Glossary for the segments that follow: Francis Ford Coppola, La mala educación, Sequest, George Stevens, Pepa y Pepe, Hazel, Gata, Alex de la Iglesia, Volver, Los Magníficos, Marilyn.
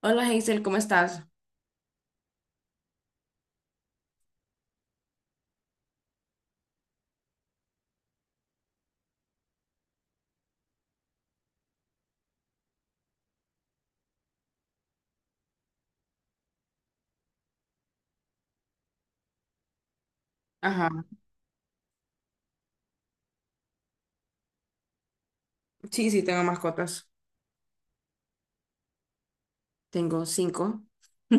Hola Hazel, ¿cómo estás? Ajá, sí, tengo mascotas. Tengo cinco.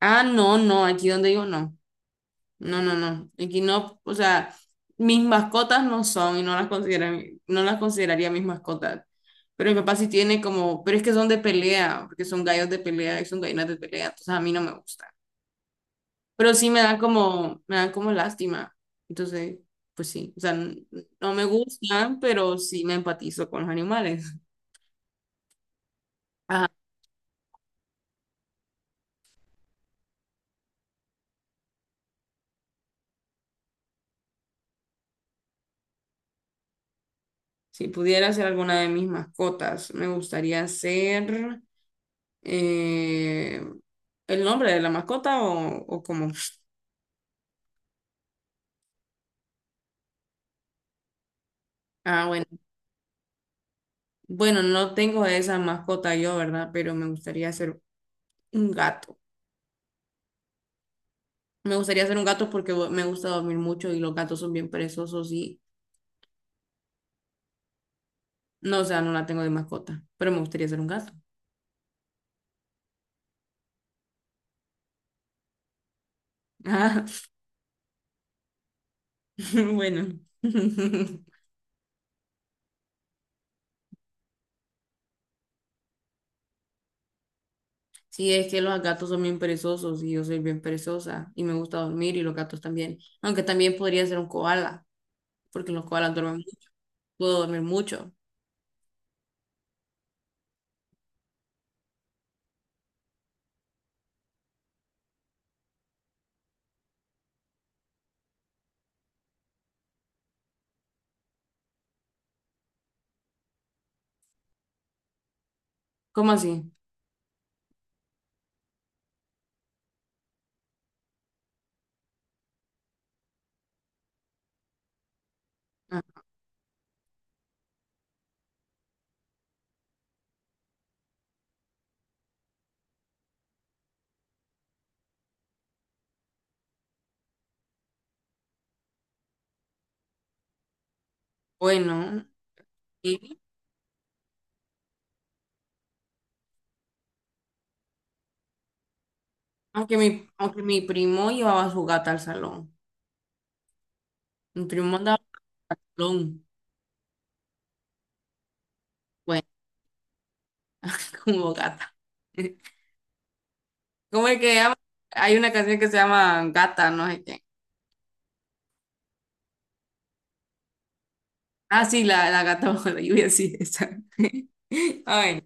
Ah, no, aquí donde digo no. No. Aquí no, o sea, mis mascotas no son y no las consideran, no las consideraría mis mascotas. Pero mi papá sí tiene como, pero es que son de pelea, porque son gallos de pelea y son gallinas de pelea, entonces a mí no me gusta. Pero sí me dan como lástima. Entonces, pues sí, o sea, no me gustan, pero sí me empatizo con los animales. Si pudiera ser alguna de mis mascotas, me gustaría ser eh, el nombre de la mascota o cómo. Ah, bueno. Bueno, no tengo esa mascota yo, ¿verdad? Pero me gustaría ser un gato. Me gustaría ser un gato porque me gusta dormir mucho y los gatos son bien perezosos y no, o sea, no la tengo de mascota, pero me gustaría ser un gato. Ah, bueno. Sí, es que los gatos son bien perezosos y yo soy bien perezosa y me gusta dormir y los gatos también. Aunque también podría ser un koala, porque los koalas duermen mucho. Puedo dormir mucho. ¿Cómo así? Ah, bueno, y- aunque aunque mi primo llevaba a su gata al salón. Mi primo andaba al salón, bueno, como gata. ¿Cómo es que llama? Hay una canción que se llama Gata, no sé qué. Ah, sí, la gata bajo la lluvia, sí, esa. Ay,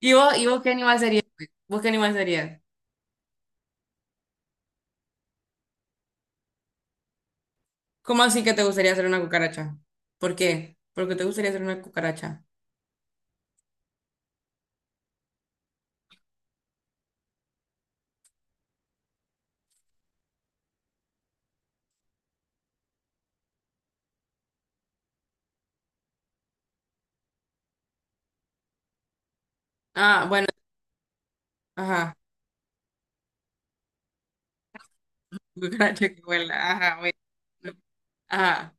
¿y vos, qué animal serías pues? ¿Vos qué animal serías? ¿Cómo así que te gustaría hacer una cucaracha? ¿Por qué? ¿Por qué te gustaría hacer una cucaracha? Ah, bueno, ajá, cucaracha que vuela, ajá, bueno, ajá,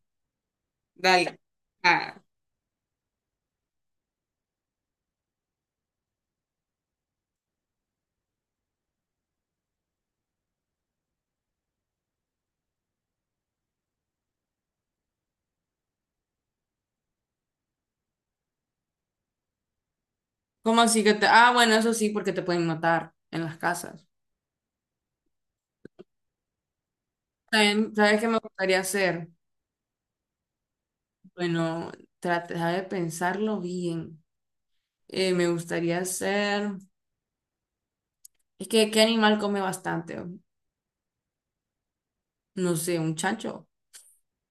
dale. Ah, ¿cómo así que te...? Ah, bueno, eso sí, porque te pueden matar en las casas. También, ¿sabes qué me gustaría hacer? Bueno, trata de pensarlo bien. Me gustaría hacer... Es que, ¿qué animal come bastante? No sé, un chancho.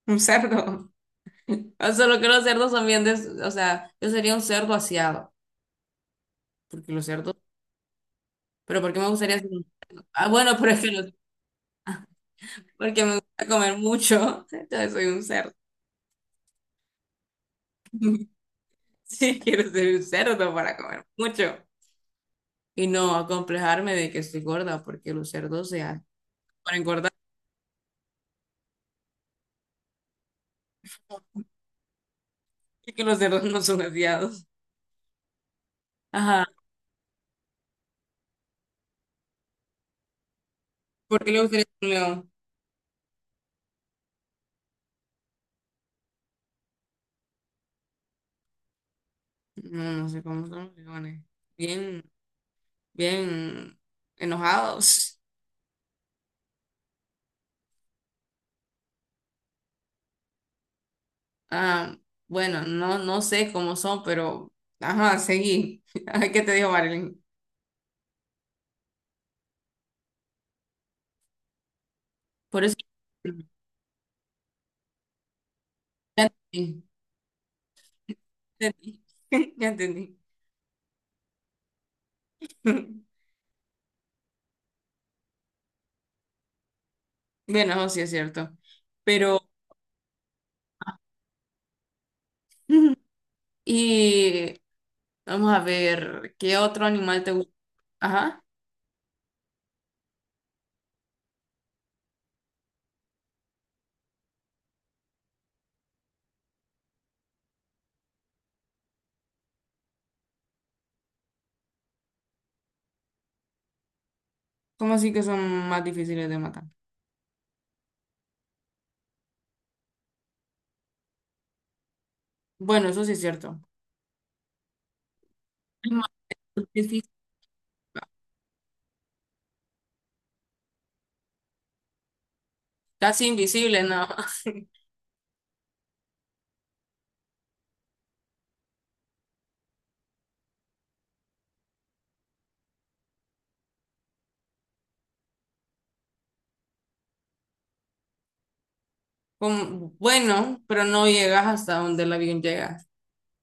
Un cerdo. O sea, lo que los cerdos son bien, o sea, yo sería un cerdo aseado, porque los cerdos, pero ¿por qué me gustaría ser un... Ah, bueno, pero es que los... porque me gusta comer mucho, entonces soy un cerdo. Sí, quiero ser un cerdo para comer mucho y no acomplejarme de que estoy gorda, porque los cerdos se hacen para engordar, porque los cerdos no son aseados. Ajá, ¿por qué le gustaría ser un león? No, no sé cómo son los leones. Bien, bien enojados. Ah, bueno, no, no sé cómo son, pero ajá, seguí. Ay, ¿qué te dijo Marilyn? Por eso. Ya entendí, entendí, ya entendí. Bueno, eso sí es cierto. Pero, y vamos a ver, ¿qué otro animal te gusta? Ajá, ¿cómo así que son más difíciles de matar? Bueno, eso sí es cierto. Es más difícil. Casi invisible, ¿no? Bueno, pero no llegas hasta donde el avión llega,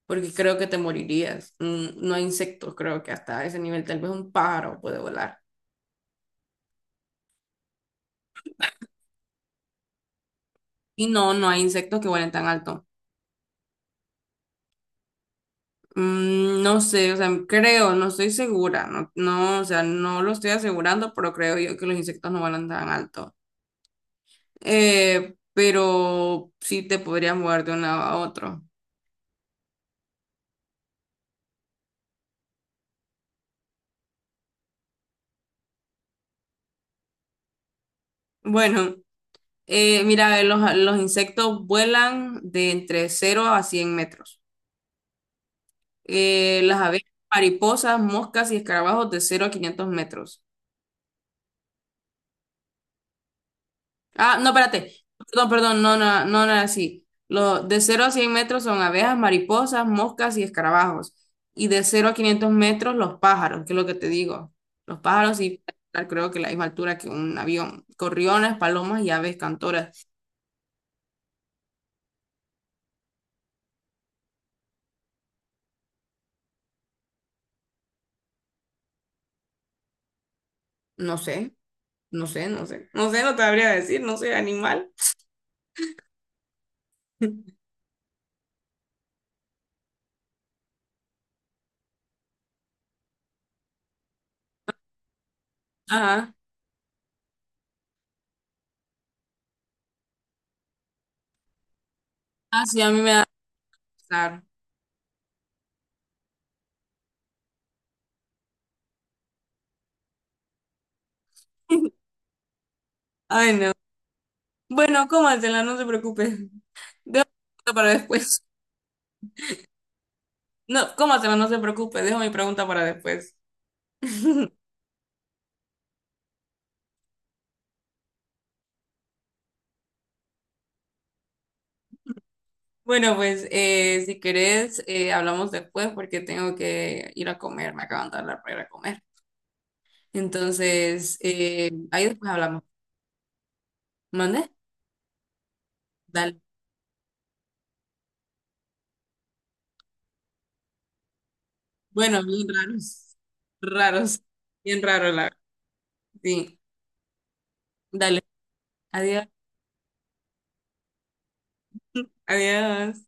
porque creo que te morirías. Mm, no hay insectos, creo que hasta ese nivel, tal vez un pájaro puede volar. Y no, no hay insectos que vuelen tan alto. Mm, no sé, o sea, creo, no estoy segura, no, o sea, no lo estoy asegurando, pero creo yo que los insectos no vuelan tan alto. Pero sí te podrías mover de un lado a otro. Bueno, mira, los insectos vuelan de entre 0 a 100 metros. Las abejas, mariposas, moscas y escarabajos de 0 a 500 metros. Ah, no, espérate. Perdón, perdón, no era así. Lo, de 0 a 100 metros son abejas, mariposas, moscas y escarabajos. Y de 0 a 500 metros los pájaros, que es lo que te digo. Los pájaros sí, creo que la misma altura que un avión. Corriones, palomas y aves cantoras. No sé, no sé. No sé, no te habría decir, no sé, animal. Ajá. Ah, sí, a mí me da pesar. Ay, no. Bueno, cómatela, no se preocupe. Dejo para después. No, ¿cómo se va? No se preocupe, dejo mi pregunta para después. Bueno, pues si querés, hablamos después porque tengo que ir a comer, me acaban de hablar para ir a comer. Entonces, ahí después hablamos. ¿Mande? Dale. Bueno, bien raros, raros, bien raro la... Sí, dale. Adiós. Adiós.